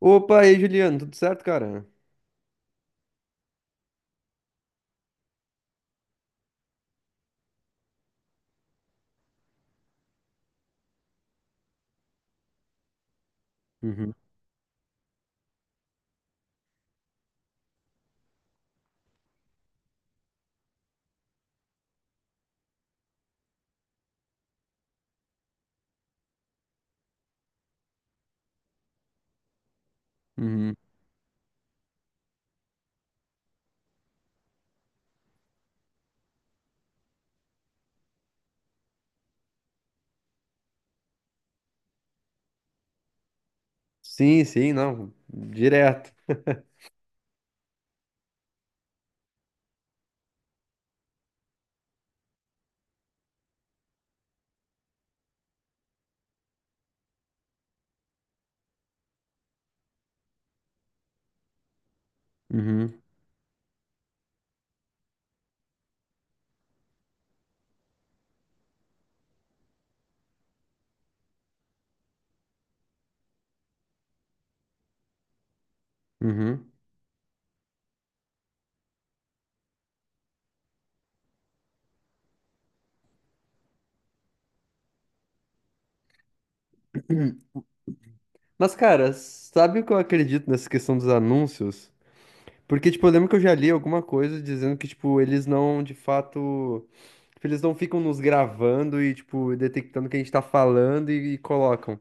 Opa, e aí, Juliano, tudo certo, cara? Uhum, uhum. Sim, sim, não, direto. Uhum, uhum. Mas, cara, sabe o que eu acredito nessa questão dos anúncios? Porque, tipo, eu lembro que eu já li alguma coisa dizendo que, tipo, eles não, de fato, tipo, eles não ficam nos gravando e, tipo, detectando o que a gente tá falando e, colocam.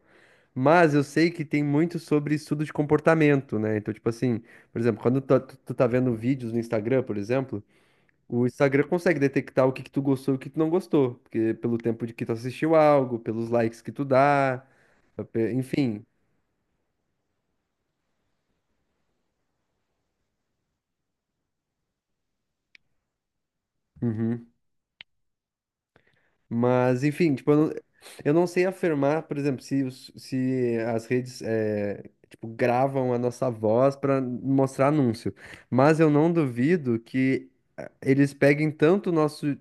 Mas eu sei que tem muito sobre estudo de comportamento, né? Então, tipo assim, por exemplo, quando tu, tá, tu tá vendo vídeos no Instagram, por exemplo. O Instagram consegue detectar o que que tu gostou e o que tu não gostou, porque pelo tempo de que tu assistiu algo, pelos likes que tu dá, enfim. Uhum. Mas, enfim, tipo, eu não sei afirmar, por exemplo, se, se as redes, tipo, gravam a nossa voz para mostrar anúncio. Mas eu não duvido que eles peguem tanto o nosso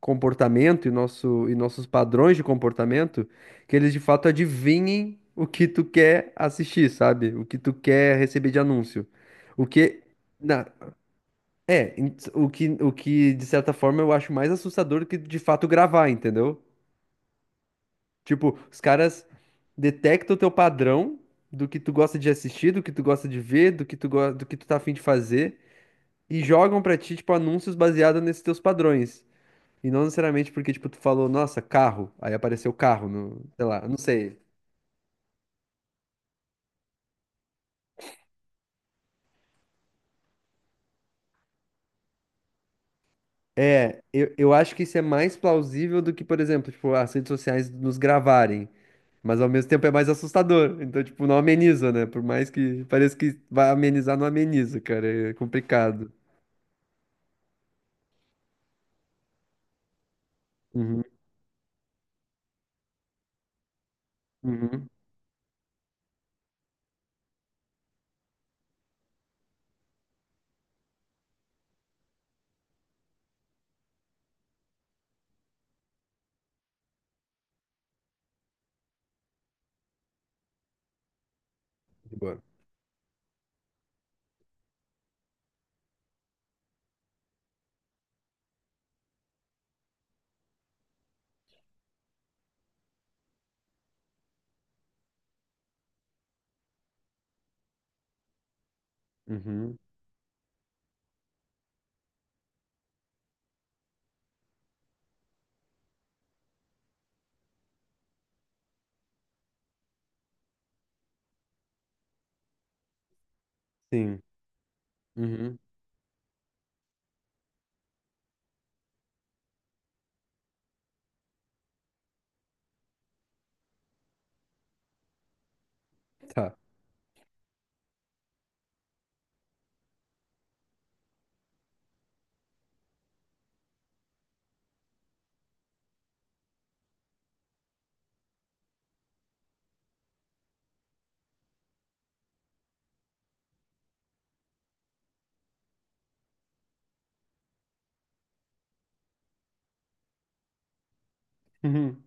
comportamento e, e nossos padrões de comportamento que eles de fato adivinhem o que tu quer assistir, sabe? O que tu quer receber de anúncio. O que. Na, é, o o que de certa forma eu acho mais assustador do que de fato gravar, entendeu? Tipo, os caras detectam o teu padrão do que tu gosta de assistir, do que tu gosta de ver, do que do que tu tá afim de fazer. E jogam pra ti, tipo, anúncios baseados nesses teus padrões. E não necessariamente porque, tipo, tu falou, nossa, carro. Aí apareceu carro no, sei lá, eu não sei. É, eu acho que isso é mais plausível do que, por exemplo, tipo, as redes sociais nos gravarem. Mas ao mesmo tempo é mais assustador. Então, tipo, não ameniza, né? Por mais que pareça que vai amenizar, não ameniza, cara. É complicado. Uhum, uhum. De boa. Uhum, sim. Uhum, tá. Uhum.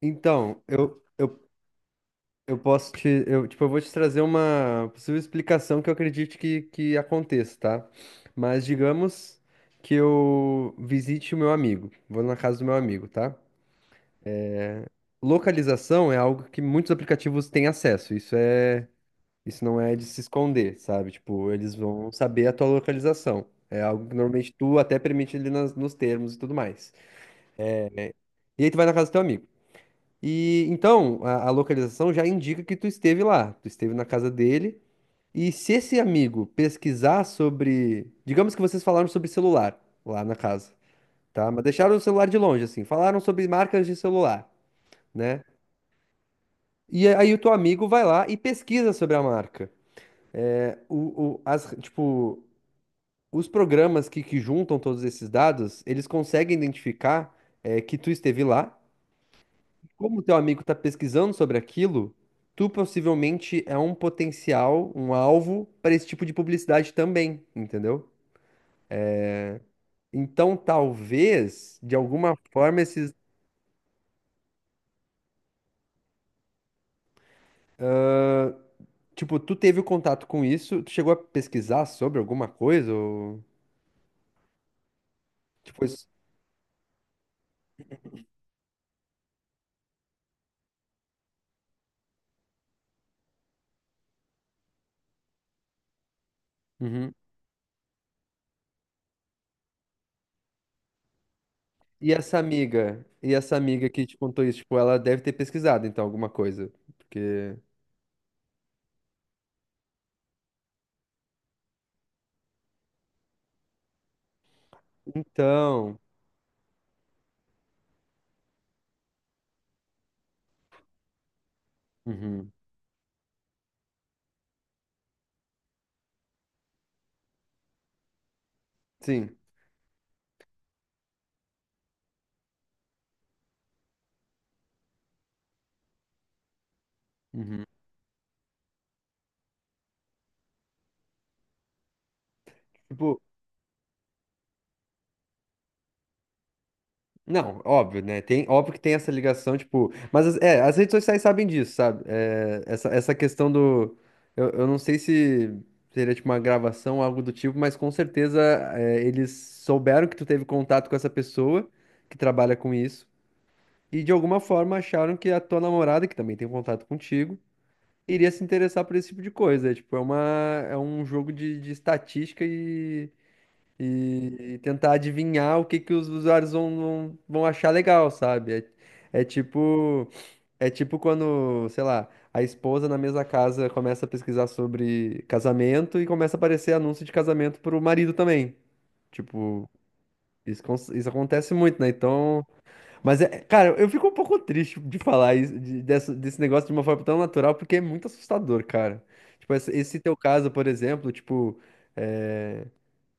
Então, eu posso te, eu, tipo, eu vou te trazer uma possível explicação que eu acredite que aconteça, tá? Mas digamos que eu visite o meu amigo, vou na casa do meu amigo, tá? Localização é algo que muitos aplicativos têm acesso, isso é, isso não é de se esconder, sabe? Tipo, eles vão saber a tua localização. É algo que normalmente tu até permite ali nos termos e tudo mais. E aí tu vai na casa do teu amigo. E então, a localização já indica que tu esteve lá, tu esteve na casa dele. E se esse amigo pesquisar sobre. Digamos que vocês falaram sobre celular lá na casa, tá? Mas deixaram o celular de longe, assim. Falaram sobre marcas de celular, né? E aí o teu amigo vai lá e pesquisa sobre a marca. É, tipo, os programas que juntam todos esses dados, eles conseguem identificar é, que tu esteve lá. Como o teu amigo está pesquisando sobre aquilo, tu possivelmente é um potencial, um alvo para esse tipo de publicidade também, entendeu? Então, talvez, de alguma forma, esses. Tipo, tu teve o contato com isso, tu chegou a pesquisar sobre alguma coisa? Ou... Tipo, isso... Uhum. E essa amiga, que te contou isso, tipo, ela deve ter pesquisado, então, alguma coisa. Porque. Então. Uhum. Sim. Uhum. Tipo, não, óbvio, né? Tem, óbvio que tem essa ligação, tipo. Mas é, as redes sociais sabem disso, sabe? É, essa questão do. Eu não sei se seria tipo uma gravação, algo do tipo, mas com certeza é, eles souberam que tu teve contato com essa pessoa que trabalha com isso. E de alguma forma acharam que a tua namorada, que também tem contato contigo, iria se interessar por esse tipo de coisa. É, tipo, é uma, é um jogo de estatística e tentar adivinhar o que que os usuários vão, vão achar legal, sabe? É, é tipo quando, sei lá, a esposa na mesma casa começa a pesquisar sobre casamento e começa a aparecer anúncio de casamento pro marido também. Tipo, isso, isso acontece muito, né? Então. Mas, é, cara, eu fico um pouco triste de falar isso, desse negócio de uma forma tão natural, porque é muito assustador, cara. Tipo, esse teu caso, por exemplo, tipo. eh,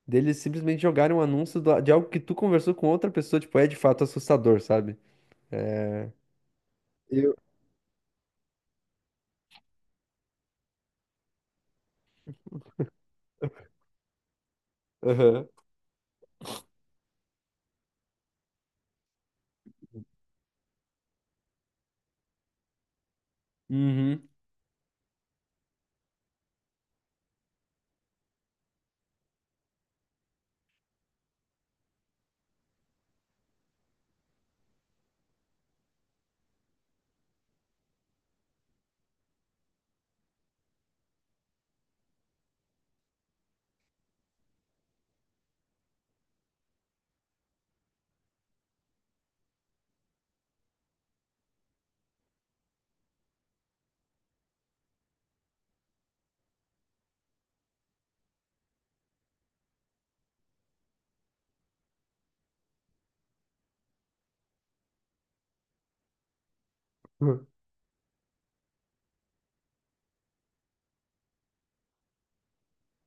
Deles simplesmente jogarem um anúncio de algo que tu conversou com outra pessoa, tipo, é de fato assustador, sabe? Eu. Aham. Uhum.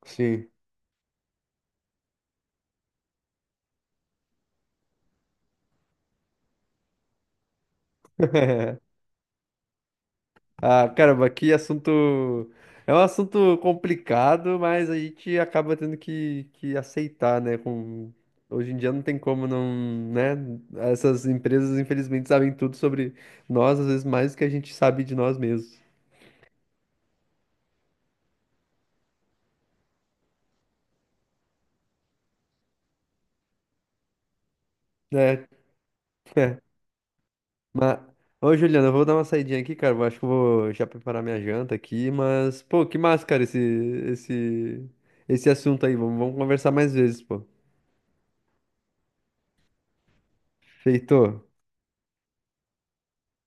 Sim. Ah, caramba, que assunto. É um assunto complicado, mas a gente acaba tendo que aceitar, né? Com... Hoje em dia não tem como não, né? Essas empresas, infelizmente, sabem tudo sobre nós, às vezes mais do que a gente sabe de nós mesmos, né? Mas, ô Juliana, eu vou dar uma saidinha aqui, cara. Eu acho que eu vou já preparar minha janta aqui, mas, pô, que massa, cara, esse assunto aí. Vamos conversar mais vezes, pô. Feito.